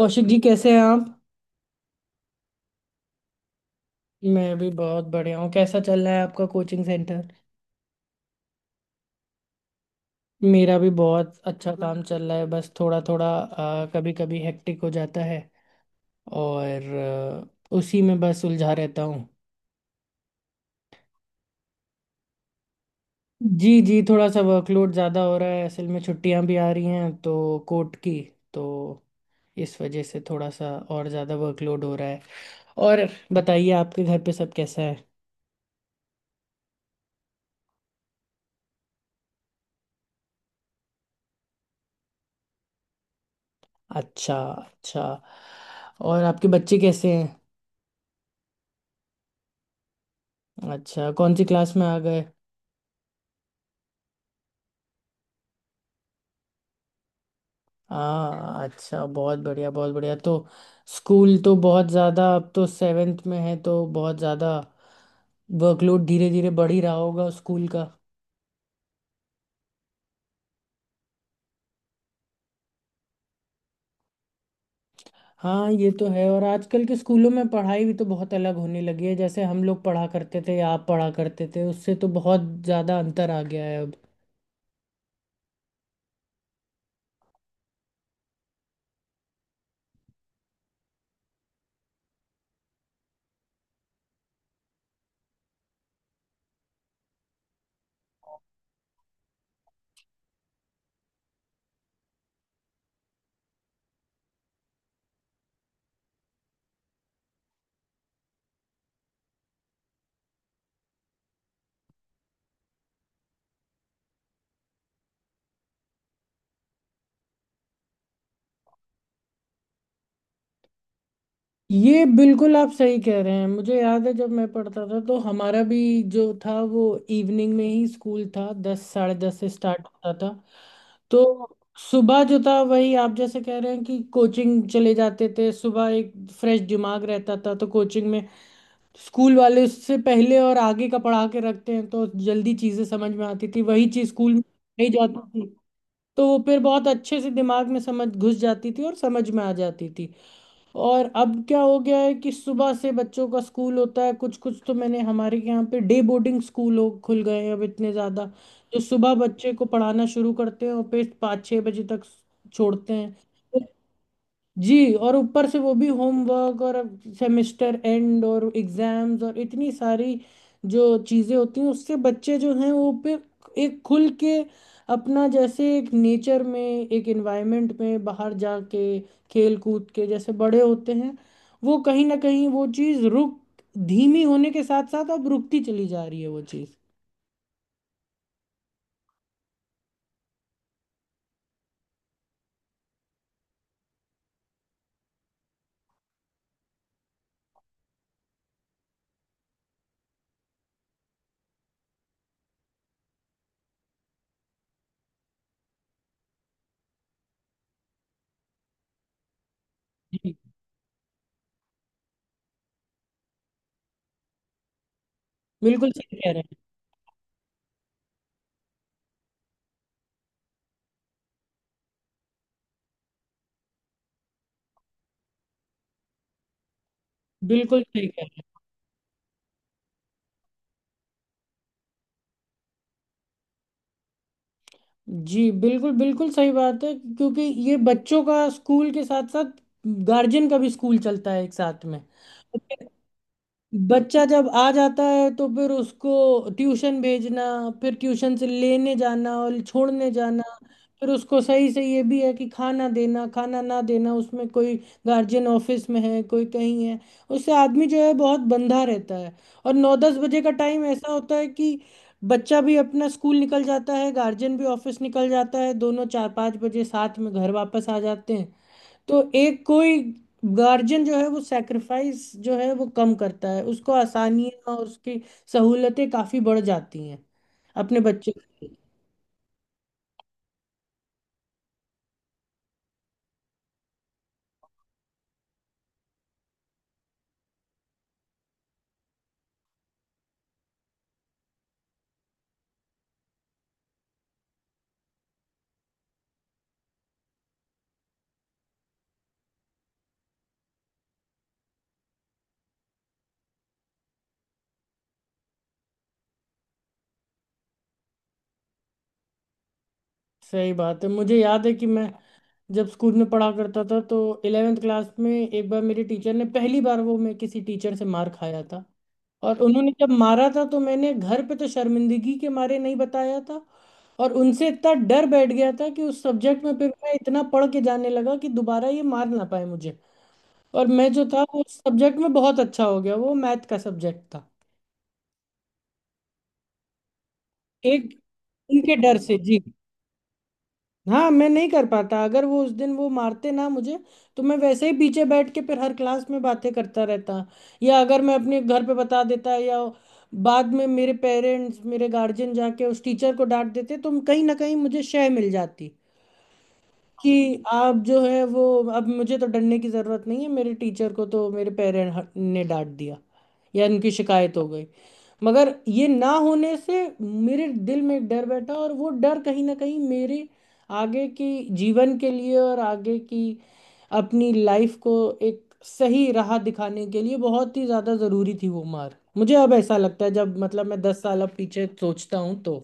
कौशिक जी, कैसे हैं आप। मैं भी बहुत बढ़िया हूँ। कैसा चल रहा है आपका कोचिंग सेंटर। मेरा भी बहुत अच्छा काम चल रहा है, बस थोड़ा थोड़ा कभी कभी हेक्टिक हो जाता है। और उसी में बस उलझा रहता हूँ। जी जी, थोड़ा सा वर्कलोड ज़्यादा हो रहा है। असल में छुट्टियाँ भी आ रही हैं तो कोर्ट की, तो इस वजह से थोड़ा सा और ज़्यादा वर्कलोड हो रहा है। और बताइए, आपके घर पे सब कैसा है। अच्छा अच्छा। और आपके बच्चे कैसे हैं। अच्छा, कौन सी क्लास में आ गए। हाँ, अच्छा, बहुत बढ़िया बहुत बढ़िया। तो स्कूल तो बहुत ज़्यादा, अब तो सेवेंथ में है तो बहुत ज़्यादा वर्कलोड धीरे धीरे बढ़ ही रहा होगा स्कूल का। हाँ, ये तो है। और आजकल के स्कूलों में पढ़ाई भी तो बहुत अलग होने लगी है। जैसे हम लोग पढ़ा करते थे या आप पढ़ा करते थे, उससे तो बहुत ज़्यादा अंतर आ गया है अब। ये बिल्कुल आप सही कह रहे हैं। मुझे याद है, जब मैं पढ़ता था तो हमारा भी जो था वो इवनिंग में ही स्कूल था, दस साढ़े दस से स्टार्ट होता था। तो सुबह जो था वही आप जैसे कह रहे हैं कि कोचिंग चले जाते थे सुबह। एक फ्रेश दिमाग रहता था, तो कोचिंग में स्कूल वाले उससे पहले और आगे का पढ़ा के रखते हैं तो जल्दी चीज़ें समझ में आती थी। वही चीज़ स्कूल में नहीं जाती थी तो वो फिर बहुत अच्छे से दिमाग में समझ घुस जाती थी और समझ में आ जाती थी। और अब क्या हो गया है कि सुबह से बच्चों का स्कूल होता है, कुछ कुछ तो मैंने हमारे यहाँ पे डे बोर्डिंग स्कूल हो खुल गए हैं अब इतने ज़्यादा, जो सुबह बच्चे को पढ़ाना शुरू करते हैं और फिर 5-6 बजे तक छोड़ते हैं। तो जी, और ऊपर से वो भी होमवर्क और सेमेस्टर एंड और एग्जाम्स और इतनी सारी जो चीज़ें होती हैं, उससे बच्चे जो हैं वो पे एक खुल के अपना जैसे एक नेचर में एक एनवायरनमेंट में बाहर जाके खेल कूद के जैसे बड़े होते हैं, वो कहीं ना कहीं वो चीज़ रुक, धीमी होने के साथ साथ अब रुकती चली जा रही है वो चीज़। जी, बिल्कुल सही कह रहे हैं। बिल्कुल सही कह रहे हैं। जी, बिल्कुल बिल्कुल सही बात है, क्योंकि ये बच्चों का स्कूल के साथ साथ गार्जियन का भी स्कूल चलता है एक साथ में। बच्चा जब आ जाता है तो फिर उसको ट्यूशन भेजना, फिर ट्यूशन से लेने जाना और छोड़ने जाना, फिर उसको सही से ये भी है कि खाना देना खाना ना देना, उसमें कोई गार्जियन ऑफिस में है, कोई कहीं है, उससे आदमी जो है बहुत बंधा रहता है। और 9-10 बजे का टाइम ऐसा होता है कि बच्चा भी अपना स्कूल निकल जाता है, गार्जियन भी ऑफिस निकल जाता है, दोनों 4-5 बजे साथ में घर वापस आ जाते हैं। तो एक कोई गार्जियन जो है वो सेक्रीफाइस जो है वो कम करता है, उसको आसानियाँ और उसकी सहूलतें काफ़ी बढ़ जाती हैं अपने बच्चे के लिए। सही बात है। मुझे याद है कि मैं जब स्कूल में पढ़ा करता था तो इलेवेंथ क्लास में एक बार मेरे टीचर ने, पहली बार वो मैं किसी टीचर से मार खाया था, और उन्होंने जब मारा था तो मैंने घर पे तो शर्मिंदगी के मारे नहीं बताया था। और उनसे इतना डर बैठ गया था कि उस सब्जेक्ट में फिर मैं इतना पढ़ के जाने लगा कि दोबारा ये मार ना पाए मुझे। और मैं जो था वो सब्जेक्ट में बहुत अच्छा हो गया, वो मैथ का सब्जेक्ट था। एक उनके डर से जी। हाँ, मैं नहीं कर पाता अगर वो उस दिन वो मारते ना मुझे, तो मैं वैसे ही पीछे बैठ के फिर हर क्लास में बातें करता रहता। या अगर मैं अपने घर पे बता देता या बाद में मेरे पेरेंट्स मेरे गार्जियन जाके उस टीचर को डांट देते, तो कहीं ना कहीं मुझे शय मिल जाती कि आप जो है वो, अब मुझे तो डरने की ज़रूरत नहीं है, मेरे टीचर को तो मेरे पेरेंट ने डांट दिया या उनकी शिकायत हो गई। मगर ये ना होने से मेरे दिल में एक डर बैठा और वो डर कहीं ना कहीं मेरे आगे की जीवन के लिए और आगे की अपनी लाइफ को एक सही राह दिखाने के लिए बहुत ही ज़्यादा ज़रूरी थी वो मार मुझे, अब ऐसा लगता है जब मतलब मैं 10 साल अब पीछे सोचता हूँ तो।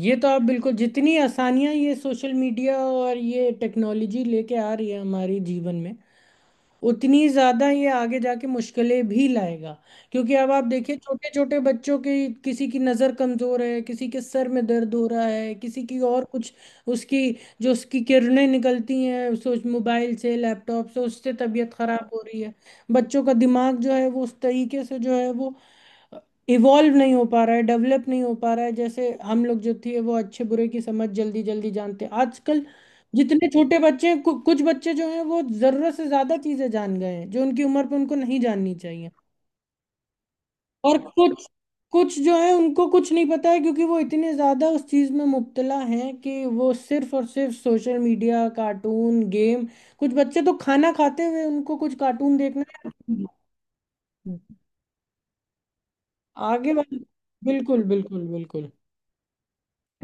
ये तो आप बिल्कुल, जितनी आसानियां ये सोशल मीडिया और ये टेक्नोलॉजी लेके आ रही है हमारी जीवन में, उतनी ज्यादा ये आगे जाके मुश्किलें भी लाएगा। क्योंकि अब आप देखिए, छोटे छोटे बच्चों की, किसी की नजर कमजोर है, किसी के सर में दर्द हो रहा है, किसी की और कुछ उसकी, जो उसकी किरणें निकलती हैं उस मोबाइल से, लैपटॉप से, उससे तबीयत खराब हो रही है। बच्चों का दिमाग जो है वो उस तरीके से जो है वो इवॉल्व नहीं हो पा रहा है, डेवलप नहीं हो पा रहा है। जैसे हम लोग जो थे वो अच्छे बुरे की समझ जल्दी जल्दी जानते हैं। आजकल जितने छोटे बच्चे हैं कुछ बच्चे जो हैं वो जरूरत से ज्यादा चीजें जान गए हैं जो उनकी उम्र पे उनको नहीं जाननी चाहिए। और कुछ कुछ जो है उनको कुछ नहीं पता है, क्योंकि वो इतने ज्यादा उस चीज में मुब्तला हैं कि वो सिर्फ और सिर्फ सोशल मीडिया, कार्टून, गेम, कुछ बच्चे तो खाना खाते हुए उनको कुछ कार्टून देखना है। आगे वाले, बिल्कुल बिल्कुल बिल्कुल,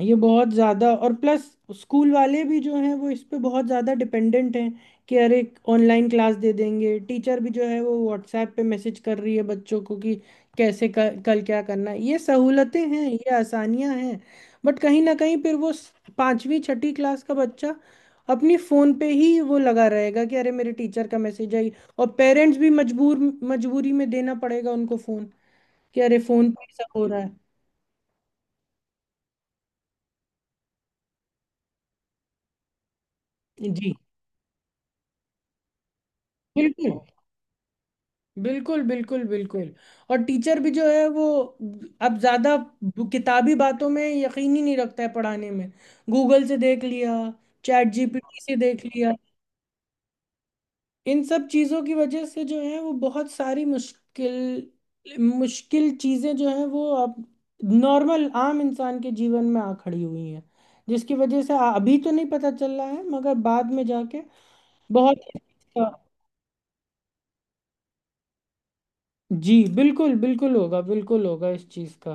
ये बहुत ज़्यादा। और प्लस, स्कूल वाले भी जो हैं वो इस पे बहुत ज़्यादा डिपेंडेंट हैं कि अरे, ऑनलाइन क्लास दे देंगे, टीचर भी जो है वो व्हाट्सएप पे मैसेज कर रही है बच्चों को कि कैसे कल क्या करना है। ये सहूलतें हैं, ये आसानियां हैं, बट कहीं ना कहीं फिर वो, पांचवी छठी क्लास का बच्चा अपनी फ़ोन पे ही वो लगा रहेगा कि अरे मेरे टीचर का मैसेज आई, और पेरेंट्स भी मजबूर, मजबूरी में देना पड़ेगा उनको फ़ोन, कि अरे फ़ोन पे ही सब हो रहा है। जी, बिल्कुल बिल्कुल बिल्कुल बिल्कुल। और टीचर भी जो है वो अब ज़्यादा किताबी बातों में यकीन ही नहीं रखता है पढ़ाने में। गूगल से देख लिया, चैट जीपीटी से देख लिया। इन सब चीज़ों की वजह से जो है वो बहुत सारी मुश्किल मुश्किल चीज़ें जो है वो अब नॉर्मल आम इंसान के जीवन में आ खड़ी हुई हैं, जिसकी वजह से अभी तो नहीं पता चल रहा है मगर बाद में जाके बहुत। जी, बिल्कुल बिल्कुल होगा, बिल्कुल होगा इस चीज़ का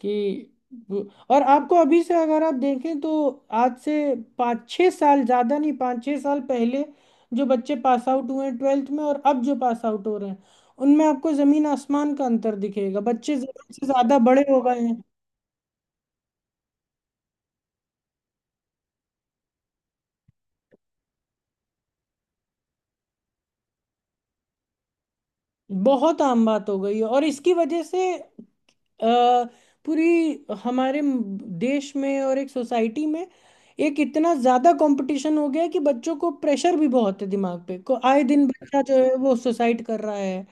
कि वो- और आपको अभी से अगर आप देखें तो आज से 5-6 साल, ज़्यादा नहीं, 5-6 साल पहले जो बच्चे पास आउट हुए हैं ट्वेल्थ में और अब जो पास आउट हो रहे हैं, उनमें आपको ज़मीन आसमान का अंतर दिखेगा। बच्चे ज़रूरत से ज़्यादा बड़े हो गए हैं। बहुत आम बात हो गई है, और इसकी वजह से अ, पूरी हमारे देश में और एक सोसाइटी में एक इतना ज्यादा कंपटीशन हो गया है कि बच्चों को प्रेशर भी बहुत है दिमाग पे, को आए दिन बच्चा जो है वो सुसाइड कर रहा है,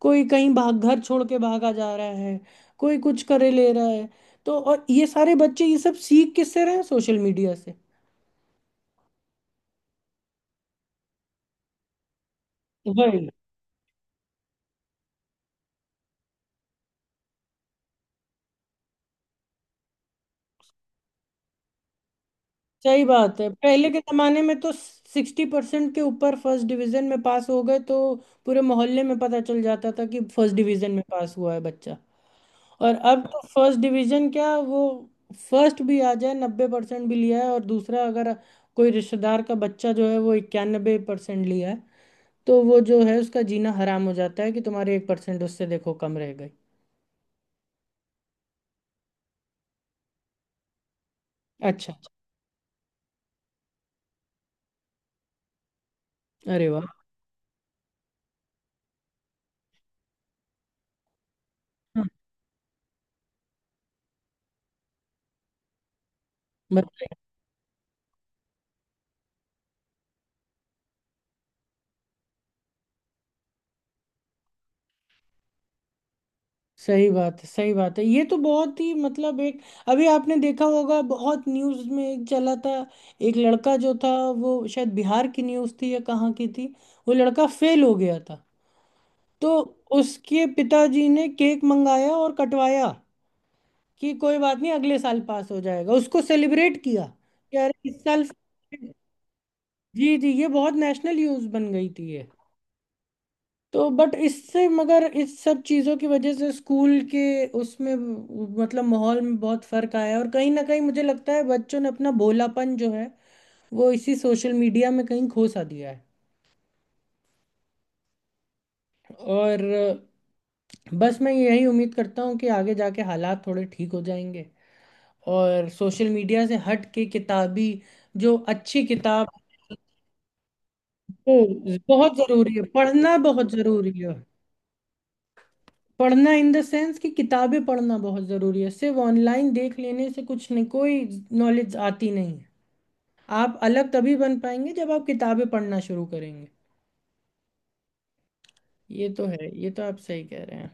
कोई कहीं भाग घर छोड़ के भागा जा रहा है, कोई कुछ करे ले रहा है। तो और ये सारे बच्चे ये सब सीख किससे रहे हैं, सोशल मीडिया से। वही, सही बात है, पहले के जमाने में तो 60% के ऊपर फर्स्ट डिवीजन में पास हो गए तो पूरे मोहल्ले में पता चल जाता था कि फर्स्ट डिवीजन में पास हुआ है बच्चा। और अब तो फर्स्ट डिवीजन क्या, वो फर्स्ट भी आ जाए, 90% भी लिया है और दूसरा अगर कोई रिश्तेदार का बच्चा जो है वो 91% लिया है, तो वो जो है उसका जीना हराम हो जाता है कि तुम्हारे 1% उससे देखो कम रह गई। अच्छा। अच्छा, अरे वाह। हाँ। सही बात है, सही बात है। ये तो बहुत ही मतलब, एक अभी आपने देखा होगा बहुत न्यूज़ में एक चला था, एक लड़का जो था, वो शायद बिहार की न्यूज़ थी या कहाँ की थी, वो लड़का फेल हो गया था तो उसके पिताजी ने केक मंगाया और कटवाया कि कोई बात नहीं अगले साल पास हो जाएगा, उसको सेलिब्रेट किया कि अरे इस साल। जी जी, ये बहुत नेशनल न्यूज़ बन गई थी ये। तो बट इससे, मगर इस सब चीज़ों की वजह से स्कूल के उसमें, मतलब माहौल में बहुत फर्क आया है, और कहीं ना कहीं मुझे लगता है बच्चों ने अपना भोलापन जो है वो इसी सोशल मीडिया में कहीं खो सा दिया है। और बस मैं यही उम्मीद करता हूँ कि आगे जाके हालात थोड़े ठीक हो जाएंगे, और सोशल मीडिया से हट के किताबी, जो अच्छी किताब, वो बहुत ज़रूरी है, पढ़ना बहुत ज़रूरी है। पढ़ना इन द सेंस कि किताबें पढ़ना बहुत ज़रूरी है, सिर्फ ऑनलाइन देख लेने से कुछ नहीं, कोई नॉलेज आती नहीं है। आप अलग तभी बन पाएंगे जब आप किताबें पढ़ना शुरू करेंगे। ये तो है, ये तो आप सही कह रहे हैं।